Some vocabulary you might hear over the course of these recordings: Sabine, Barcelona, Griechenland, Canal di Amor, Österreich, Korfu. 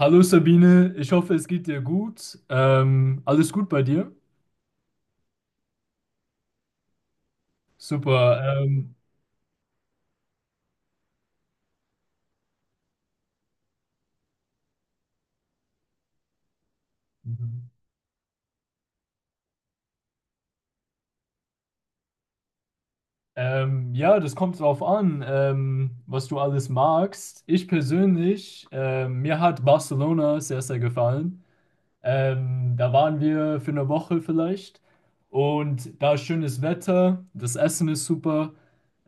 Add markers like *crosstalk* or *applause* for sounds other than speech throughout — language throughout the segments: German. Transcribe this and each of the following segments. Hallo Sabine, ich hoffe, es geht dir gut. Alles gut bei dir? Super. Ja, das kommt drauf an, was du alles magst. Ich persönlich, mir hat Barcelona sehr, sehr gefallen. Da waren wir für eine Woche vielleicht. Und da ist schönes Wetter, das Essen ist super.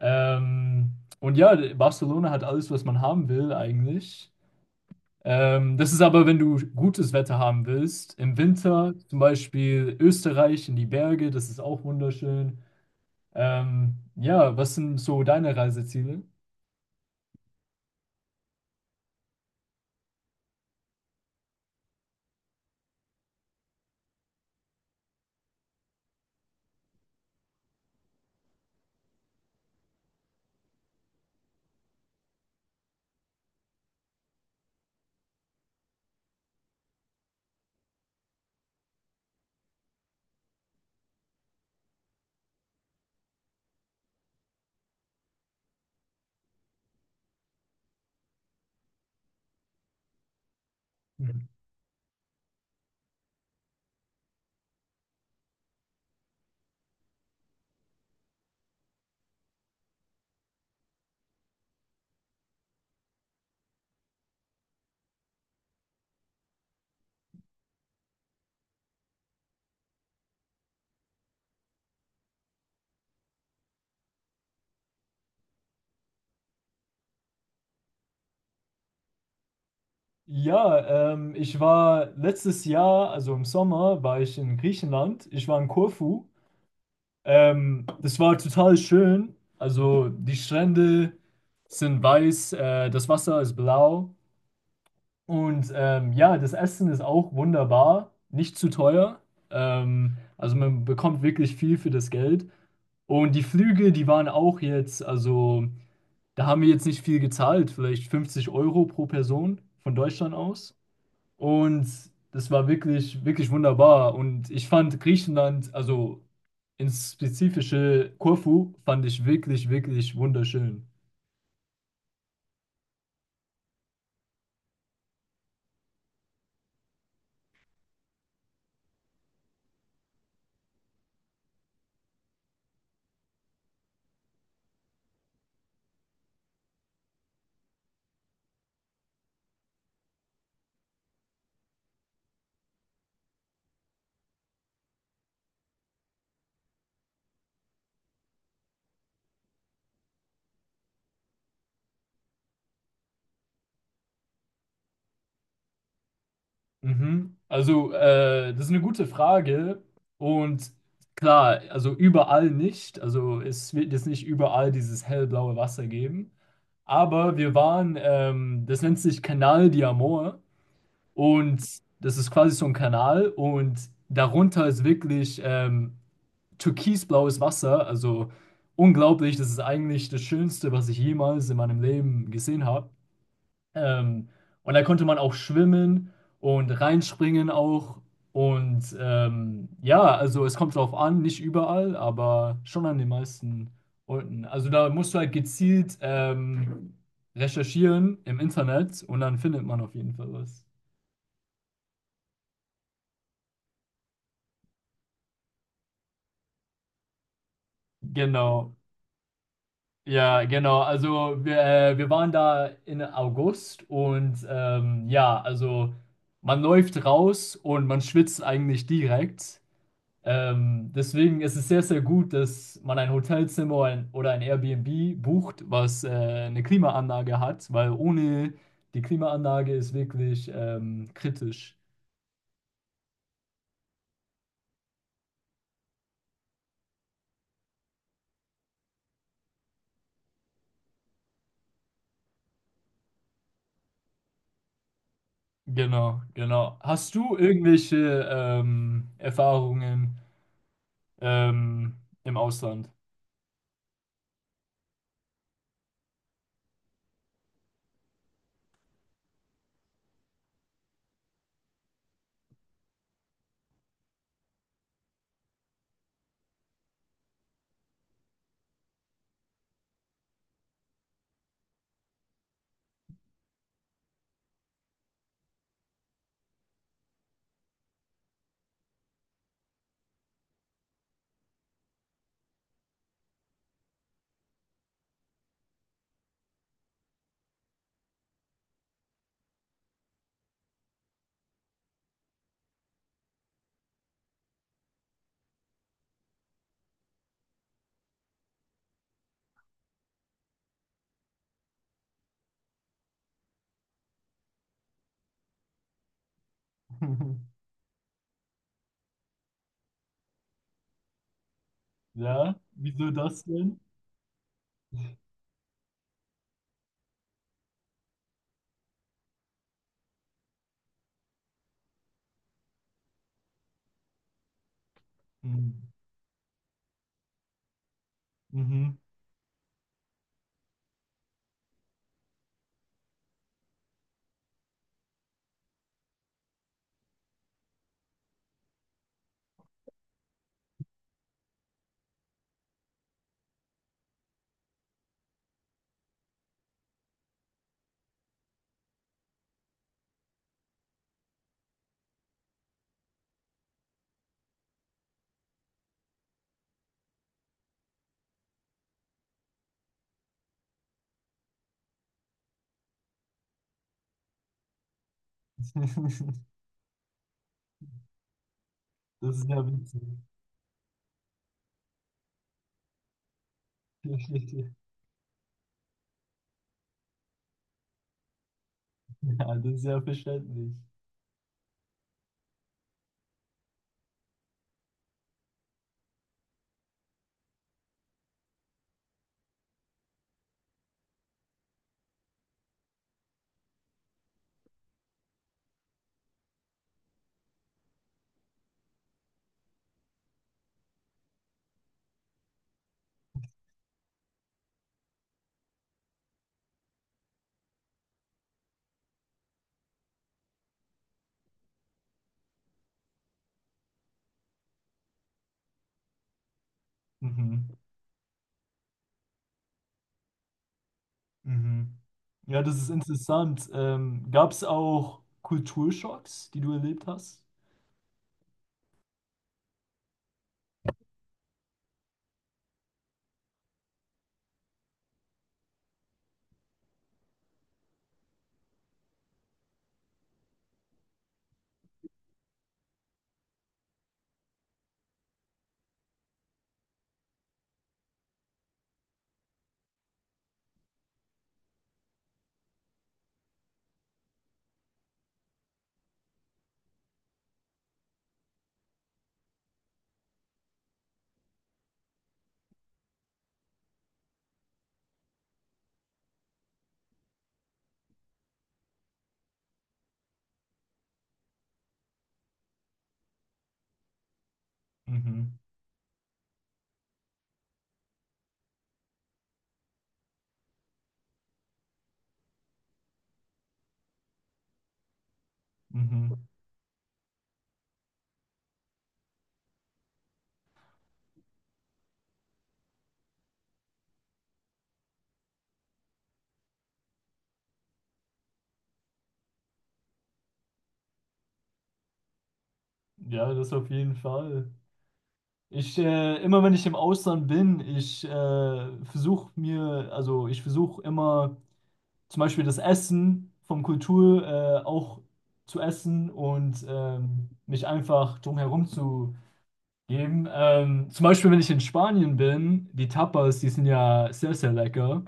Ähm, und ja, Barcelona hat alles, was man haben will eigentlich. Das ist aber, wenn du gutes Wetter haben willst. Im Winter zum Beispiel Österreich in die Berge, das ist auch wunderschön. Ja, was sind so deine Reiseziele? Ja, ich war letztes Jahr, also im Sommer, war ich in Griechenland. Ich war in Korfu. Das war total schön. Also die Strände sind weiß, das Wasser ist blau. Und ja, das Essen ist auch wunderbar, nicht zu teuer. Also man bekommt wirklich viel für das Geld. Und die Flüge, die waren auch jetzt, also da haben wir jetzt nicht viel gezahlt, vielleicht 50 Euro pro Person von Deutschland aus. Und das war wirklich, wirklich wunderbar. Und ich fand Griechenland, also ins spezifische Korfu, fand ich wirklich, wirklich wunderschön. Mhm. Also, das ist eine gute Frage. Und klar, also überall nicht. Also, es wird jetzt nicht überall dieses hellblaue Wasser geben. Aber wir waren, das nennt sich Canal di Amor. Und das ist quasi so ein Kanal. Und darunter ist wirklich türkisblaues Wasser. Also, unglaublich. Das ist eigentlich das Schönste, was ich jemals in meinem Leben gesehen habe. Ähm, und da konnte man auch schwimmen und reinspringen auch. Und ja, also es kommt drauf an, nicht überall, aber schon an den meisten Orten. Also da musst du halt gezielt recherchieren im Internet und dann findet man auf jeden Fall was. Genau. Ja, genau. Also wir, wir waren da in August und ja, also man läuft raus und man schwitzt eigentlich direkt. Deswegen ist es sehr, sehr gut, dass man ein Hotelzimmer oder ein Airbnb bucht, was eine Klimaanlage hat, weil ohne die Klimaanlage ist wirklich kritisch. Genau, genau. Hast du irgendwelche Erfahrungen ähm, im Ausland? *laughs* Ja, wieso das denn? Hm. Mhm. *laughs* Das ist ja witzig. *laughs* Ja, das ist ja verständlich. Mhm. Mhm. Ja, das ist interessant. Gab es auch Kulturschocks, die du erlebt hast? Mhm. Mhm. Ja, das auf jeden Fall. Ich, immer wenn ich im Ausland bin, ich versuche mir, also ich versuche immer zum Beispiel das Essen vom Kultur auch zu essen und mich einfach drumherum zu geben. Zum Beispiel, wenn ich in Spanien bin, die Tapas, die sind ja sehr, sehr lecker.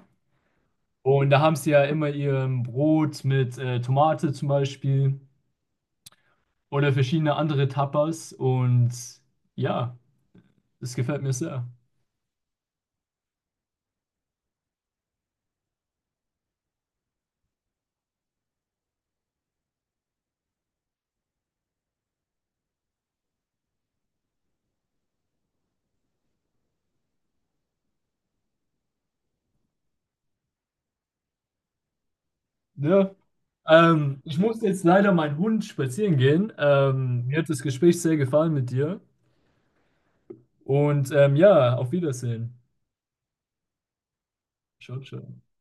Und da haben sie ja immer ihr Brot mit Tomate zum Beispiel oder verschiedene andere Tapas. Und ja, das gefällt mir sehr. Ja. Ich muss jetzt leider meinen Hund spazieren gehen. Mir hat das Gespräch sehr gefallen mit dir. Und ja, auf Wiedersehen. Ciao, ciao.